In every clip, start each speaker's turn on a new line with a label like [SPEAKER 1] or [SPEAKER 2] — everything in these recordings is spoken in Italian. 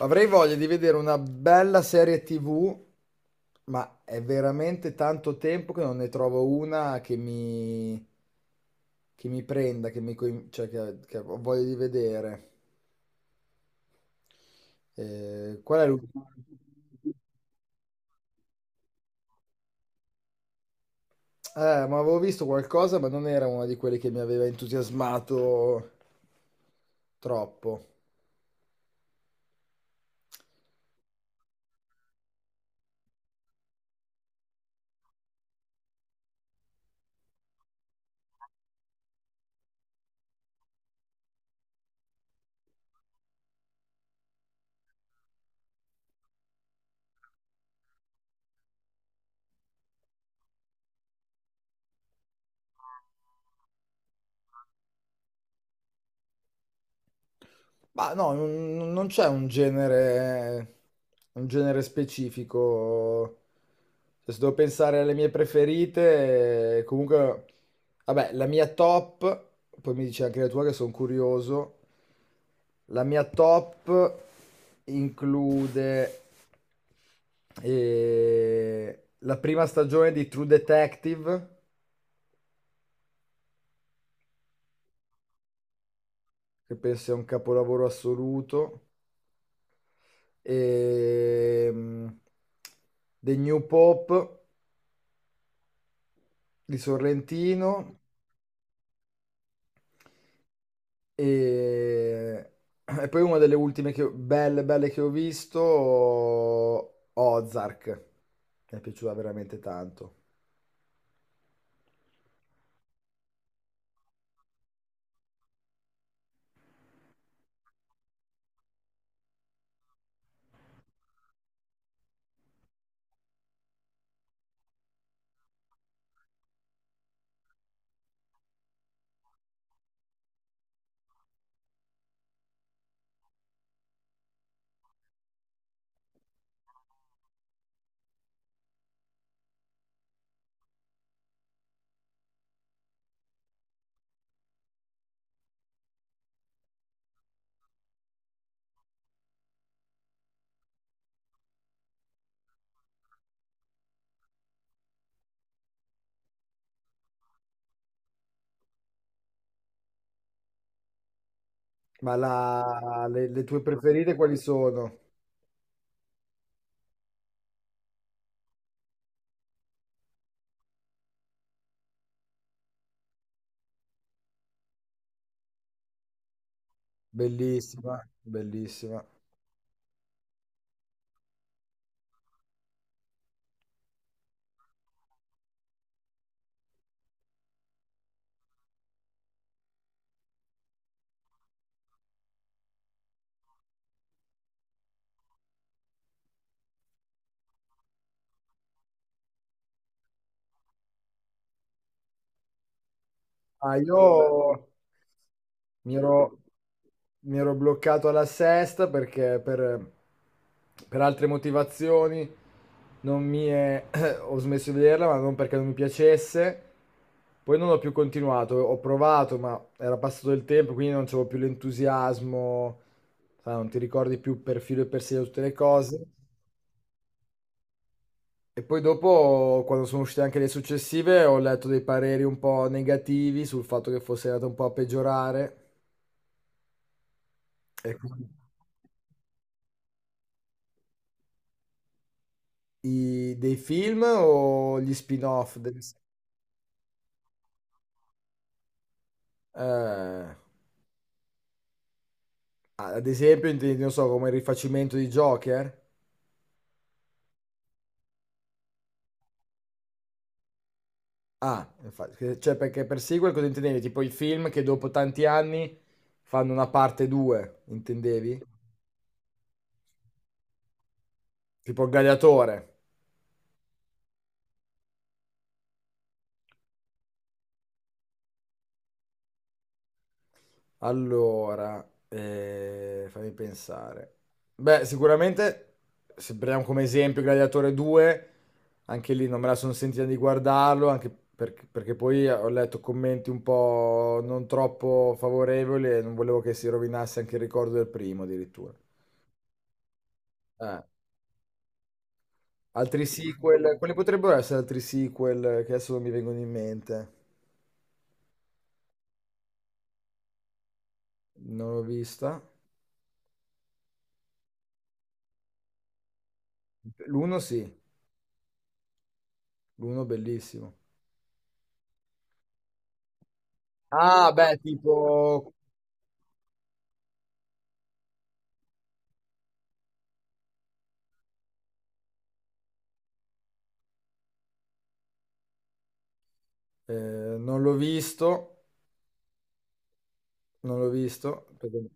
[SPEAKER 1] Avrei voglia di vedere una bella serie TV, ma è veramente tanto tempo che non ne trovo una che mi prenda, che ho voglia di vedere. Qual è l'ultima? Ma avevo visto qualcosa, ma non era una di quelle che mi aveva entusiasmato troppo. Ma no, non c'è un genere specifico. Cioè, se devo pensare alle mie preferite, comunque, vabbè, la mia top, poi mi dici anche la tua che sono curioso. La mia top include la prima stagione di True Detective, che penso sia un capolavoro assoluto. ehm, The New Pop di Sorrentino e, e poi una delle ultime belle, belle che ho visto, Ozark. Mi è piaciuta veramente tanto. Le tue preferite quali sono? Bellissima, bellissima. Ah, io mi ero, mi ero bloccato alla sesta perché per altre motivazioni non mi è- ho smesso di vederla, ma non perché non mi piacesse. Poi non ho più continuato, ho provato, ma era passato il tempo, quindi non c'avevo più l'entusiasmo, sai, non ti ricordi più per filo e per segno tutte le cose. E poi dopo, quando sono uscite anche le successive, ho letto dei pareri un po' negativi sul fatto che fosse andata un po' a peggiorare. E quindi dei film o gli spin-off? Eh, Ad esempio, intendi, non so, come il rifacimento di Joker? Ah, infatti, cioè perché per sequel cosa intendevi? Tipo i film che dopo tanti anni fanno una parte 2, intendevi? Tipo il Gladiatore. Allora, fammi pensare. Beh, sicuramente, se prendiamo come esempio Gladiatore 2, anche lì non me la sono sentita di guardarlo, anche perché poi ho letto commenti un po' non troppo favorevoli e non volevo che si rovinasse anche il ricordo del primo addirittura. Eh, Altri sequel, quali potrebbero essere altri sequel che adesso non mi vengono in mente? Non l'ho vista. L'uno sì, l'uno bellissimo. Ah, beh, tipo Eh, non l'ho visto, non l'ho visto. perché-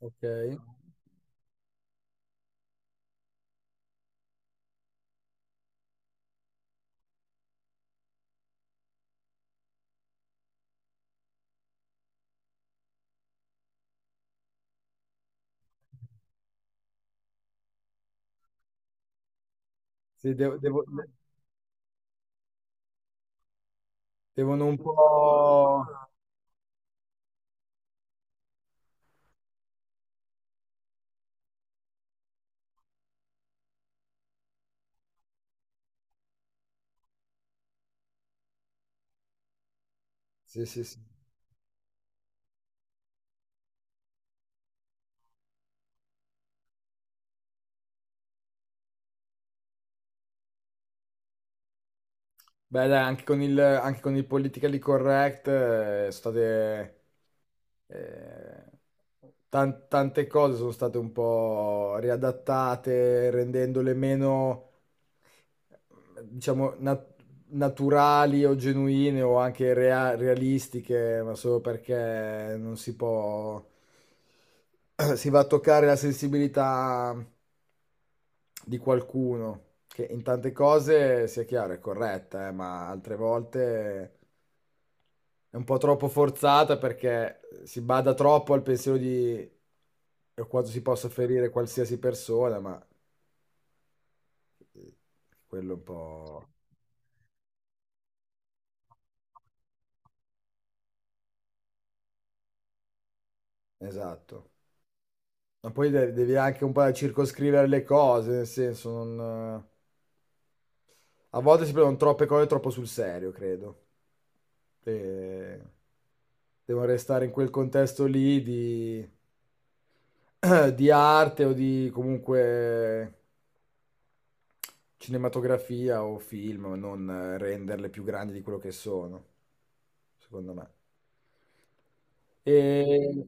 [SPEAKER 1] Ok. Sì, devo- devo- Devono un po'... Sì, sì, sì. Beh, dai, anche con il politically correct sono state eh, tante cose sono state un po' riadattate, rendendole meno, diciamo, naturali o genuine o anche realistiche, ma solo perché non si può, si va a toccare la sensibilità di qualcuno che in tante cose, sia chiaro, è corretta, ma altre volte è un po' troppo forzata perché si bada troppo al pensiero di e quanto si possa ferire qualsiasi persona, ma eh, quello è un po' esatto. Ma poi devi anche un po' circoscrivere le cose, nel senso non... A volte si prendono troppe cose troppo sul serio, credo. E devono restare in quel contesto lì di, di arte o di comunque cinematografia o film, non renderle più grandi di quello che sono, secondo me. E...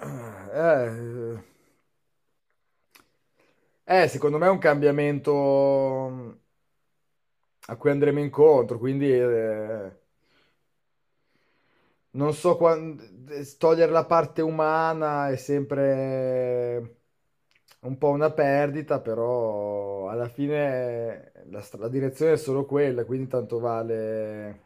[SPEAKER 1] Eh, secondo me è un cambiamento a cui andremo incontro, quindi non so quando togliere la parte umana è sempre un po' una perdita, però alla fine la direzione è solo quella, quindi tanto vale.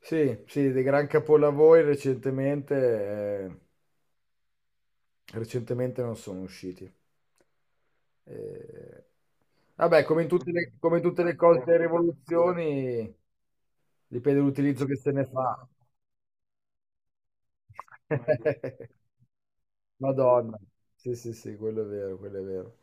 [SPEAKER 1] Sì, sì, dei gran capolavori recentemente. eh, Recentemente non sono usciti. Eh, Vabbè, come in tutte le cose, le rivoluzioni, dipende dall'utilizzo che se ne fa. Madonna, sì, sì, sì, quello è vero, quello è vero.